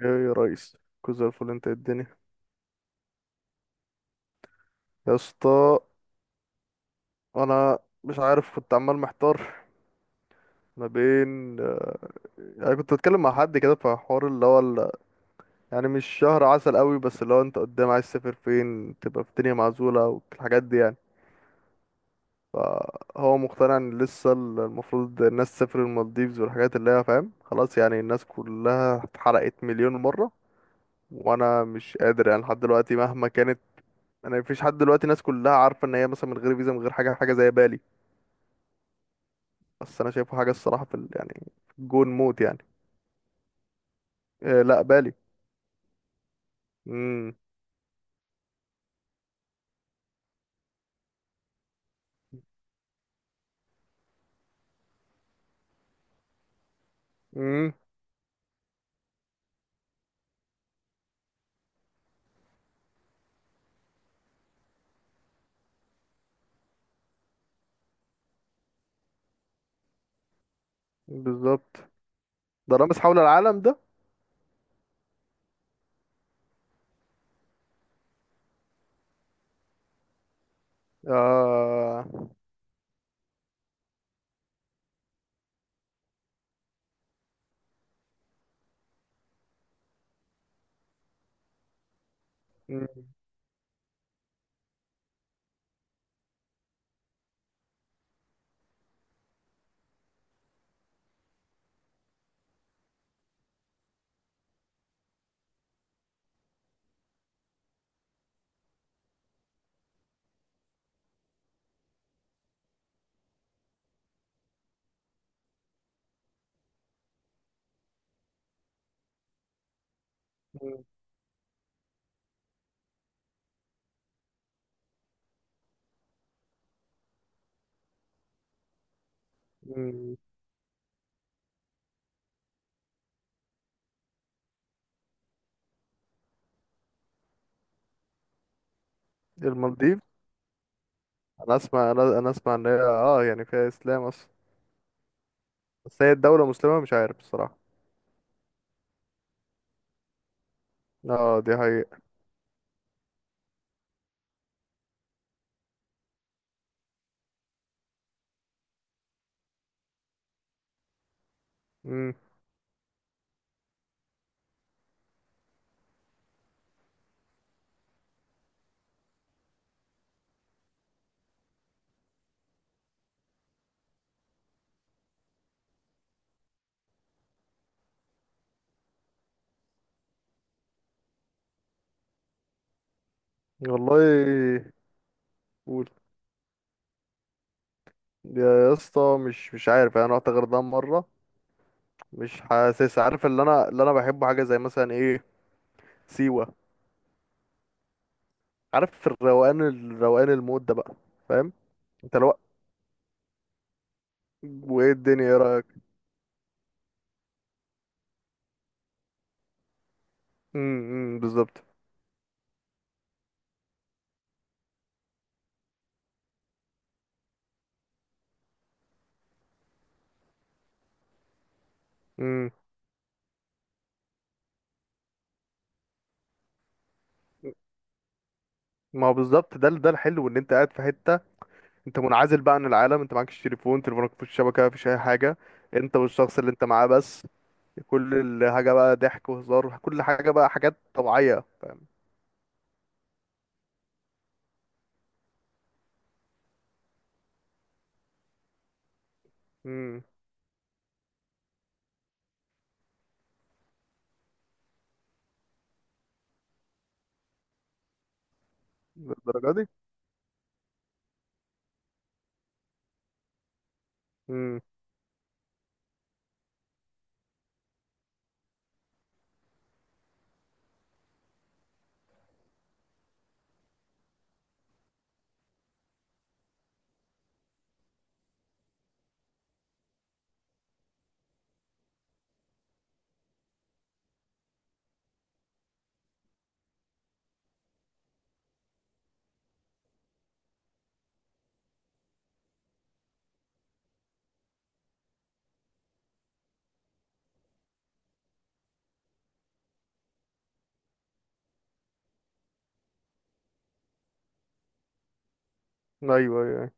ايه يا ريس، كوز الفل؟ انت إيه الدنيا؟ يا اسطى، انا مش عارف، كنت عمال محتار ما بين يعني كنت بتكلم مع حد كده في حوار اللي هو يعني مش شهر عسل قوي، بس اللي هو انت قدام عايز تسافر فين؟ تبقى في الدنيا معزولة والحاجات دي يعني. فهو مقتنع ان لسه المفروض الناس تسافر المالديفز والحاجات اللي هي فاهم، خلاص يعني الناس كلها اتحرقت مليون مرة. وانا مش قادر يعني لحد دلوقتي مهما كانت. انا مفيش حد دلوقتي، الناس كلها عارفه ان هي مثلا من غير فيزا، من غير حاجه، زي بالي. بس انا شايفه حاجه الصراحه في يعني في الجون موت يعني. إيه، لا، بالي. امم. امم. بالظبط. ده رامز حول العالم ده؟ آه. مم. مم. مم. المالديف. انا اسمع، انا اسمع ان هي اه يعني فيها اسلام اصلا. بس هي الدوله مسلمه مش عارف الصراحه. اه دي حقيقه. امم. والله. قول. يا اسطى، مش عارف يعني، انا رحت غردقه مره، مش حاسس، عارف؟ اللي انا، اللي انا بحبه حاجه زي مثلا ايه؟ سيوه. عارف الروقان، الروقان، المود ده بقى؟ فاهم؟ انت الوقت. وايه الدنيا؟ ايه رايك؟ امم، بالظبط. امم. ما هو بالظبط، ده ده الحلو، ان انت قاعد في حته. انت منعزل بقى عن العالم، انت معكش تليفون، تليفونك مفيش شبكه، مفيش اي حاجه. انت والشخص اللي انت معاه بس. كل الحاجه بقى ضحك وهزار، كل حاجه بقى حاجات طبيعيه. امم. للدرجه دي؟ امم. ايوه، ايوه، أيوة.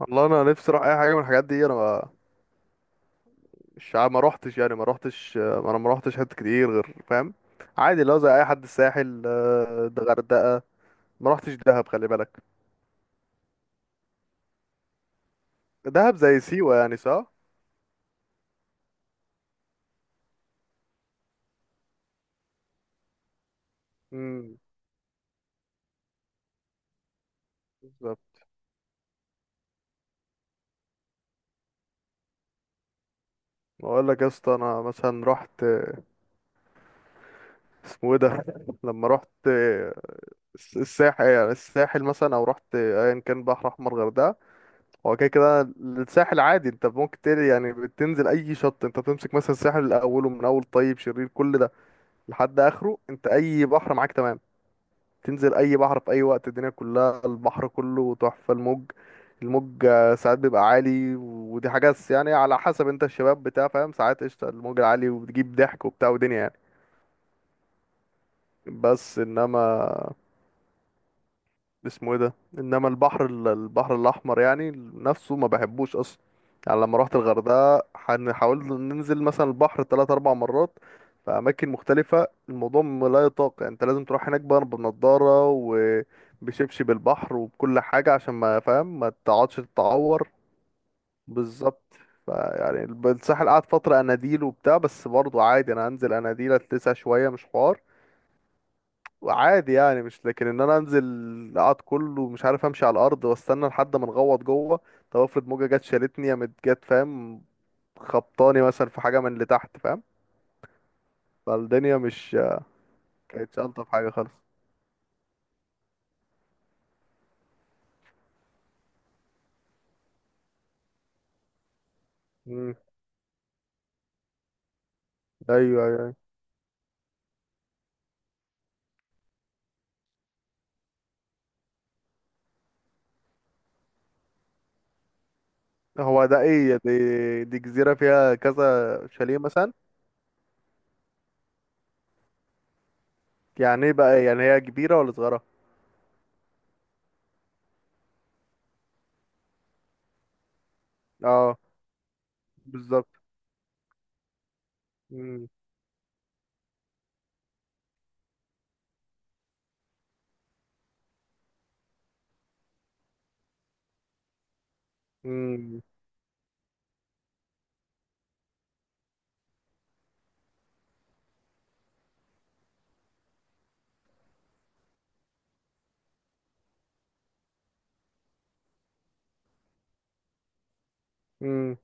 والله انا نفسي اروح اي حاجه من الحاجات دي. انا الشعب ما روحتش يعني، ما روحتش، ما انا ما روحتش حتت كتير غير، فاهم؟ عادي لو زي اي حد، الساحل آه، ده غردقة. ما روحتش دهب، خلي بالك. دهب زي سيوة يعني، صح؟ امم، بالظبط. اقول لك يا اسطى، انا مثلا رحت آه، اسمه ايه ده؟ لما رحت آه، الساحل، يعني الساحل مثلا، او رحت ايا كان، بحر احمر، غردقه. هو كده كده الساحل عادي، انت ممكن تل، يعني بتنزل اي شط، انت بتمسك مثلا الساحل من اوله، من اول طيب شرير كل ده لحد اخره، انت اي بحر معاك، تمام؟ تنزل اي بحر في اي وقت، الدنيا كلها البحر كله تحفة. الموج، الموج آه، ساعات بيبقى عالي، ودي حاجة يعني على حسب، انت الشباب بتاع فاهم، ساعات قشطة الموج العالي، وبتجيب ضحك وبتاع ودنيا يعني. بس انما اسمه ايه ده، انما البحر البحر الاحمر يعني نفسه ما بحبوش اصلا. يعني لما روحت الغردقه، حاولت ننزل مثلا البحر ثلاث اربع مرات في اماكن مختلفه، الموضوع لا يطاق، يعني انت لازم تروح هناك بقى بنضاره وبشبشب البحر وبكل حاجه، عشان ما فاهم، ما تقعدش تتعور. بالظبط. فيعني الساحل قعد فتره اناديل وبتاع، بس برضه عادي، انا هنزل اناديل اتلسع شويه، مش حوار. عادي، يعني مش لكن ان انا انزل اقعد كله مش عارف امشي على الارض واستنى لحد ما نغوط جوه. طب افرض موجه جت شالتني، يا مت جت، فاهم؟ خبطاني مثلا في حاجه من اللي تحت، فاهم؟ فالدنيا مش كانتش الطف حاجه خالص. امم. ايوه، ايوه. هو ده ايه؟ دي جزيره فيها كذا شاليه مثلا؟ يعني ايه بقى؟ يعني هي كبيره ولا صغيره؟ اه، بالظبط. امم. امم. امم.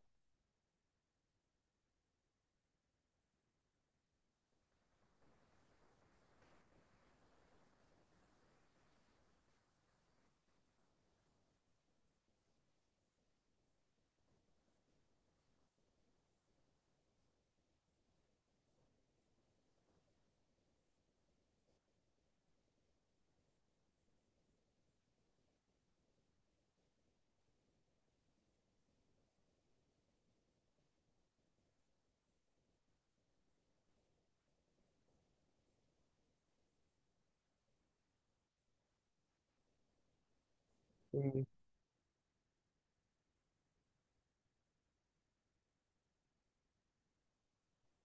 امم.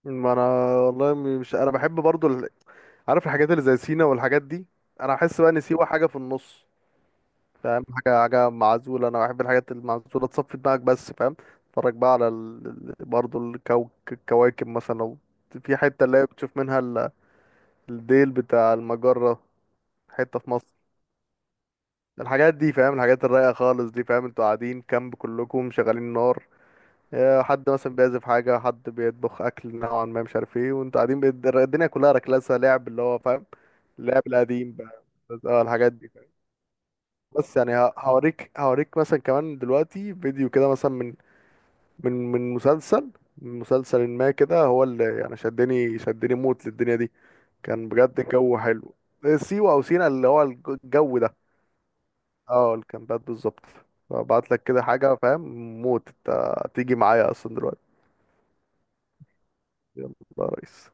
ما انا والله مش، انا بحب برضو، عارف، الحاجات اللي زي سينا والحاجات دي. انا احس بقى ان سيوة حاجه في النص، فاهم؟ حاجه، حاجه معزوله، انا بحب الحاجات المعزوله تصفي دماغك بس، فاهم؟ اتفرج بقى على برضو الكواكب مثلا، لو في حته اللي هي بتشوف منها الديل بتاع المجره، حته في مصر. الحاجات دي فاهم، الحاجات الرايقه خالص دي، فاهم؟ انتوا قاعدين كامب، كلكم شغالين نار، آه، حد مثلا بيعزف حاجه، حد بيطبخ اكل نوعا ما مش عارف ايه، وانتوا قاعدين الدنيا كلها ركلاسه، لعب اللي هو فاهم، اللعب القديم بقى. اه، الحاجات دي. بس يعني هوريك، مثلا كمان دلوقتي فيديو كده مثلا من من مسلسل، من مسلسل ما كده، هو اللي يعني شدني، موت للدنيا دي. كان بجد الجو حلو. سيوة او سينا، اللي هو الجو ده. اه، الكامبات بالظبط. ابعت لك كده حاجة، فاهم؟ موت. انت تيجي معايا اصلا دلوقتي؟ يلا يا ريس.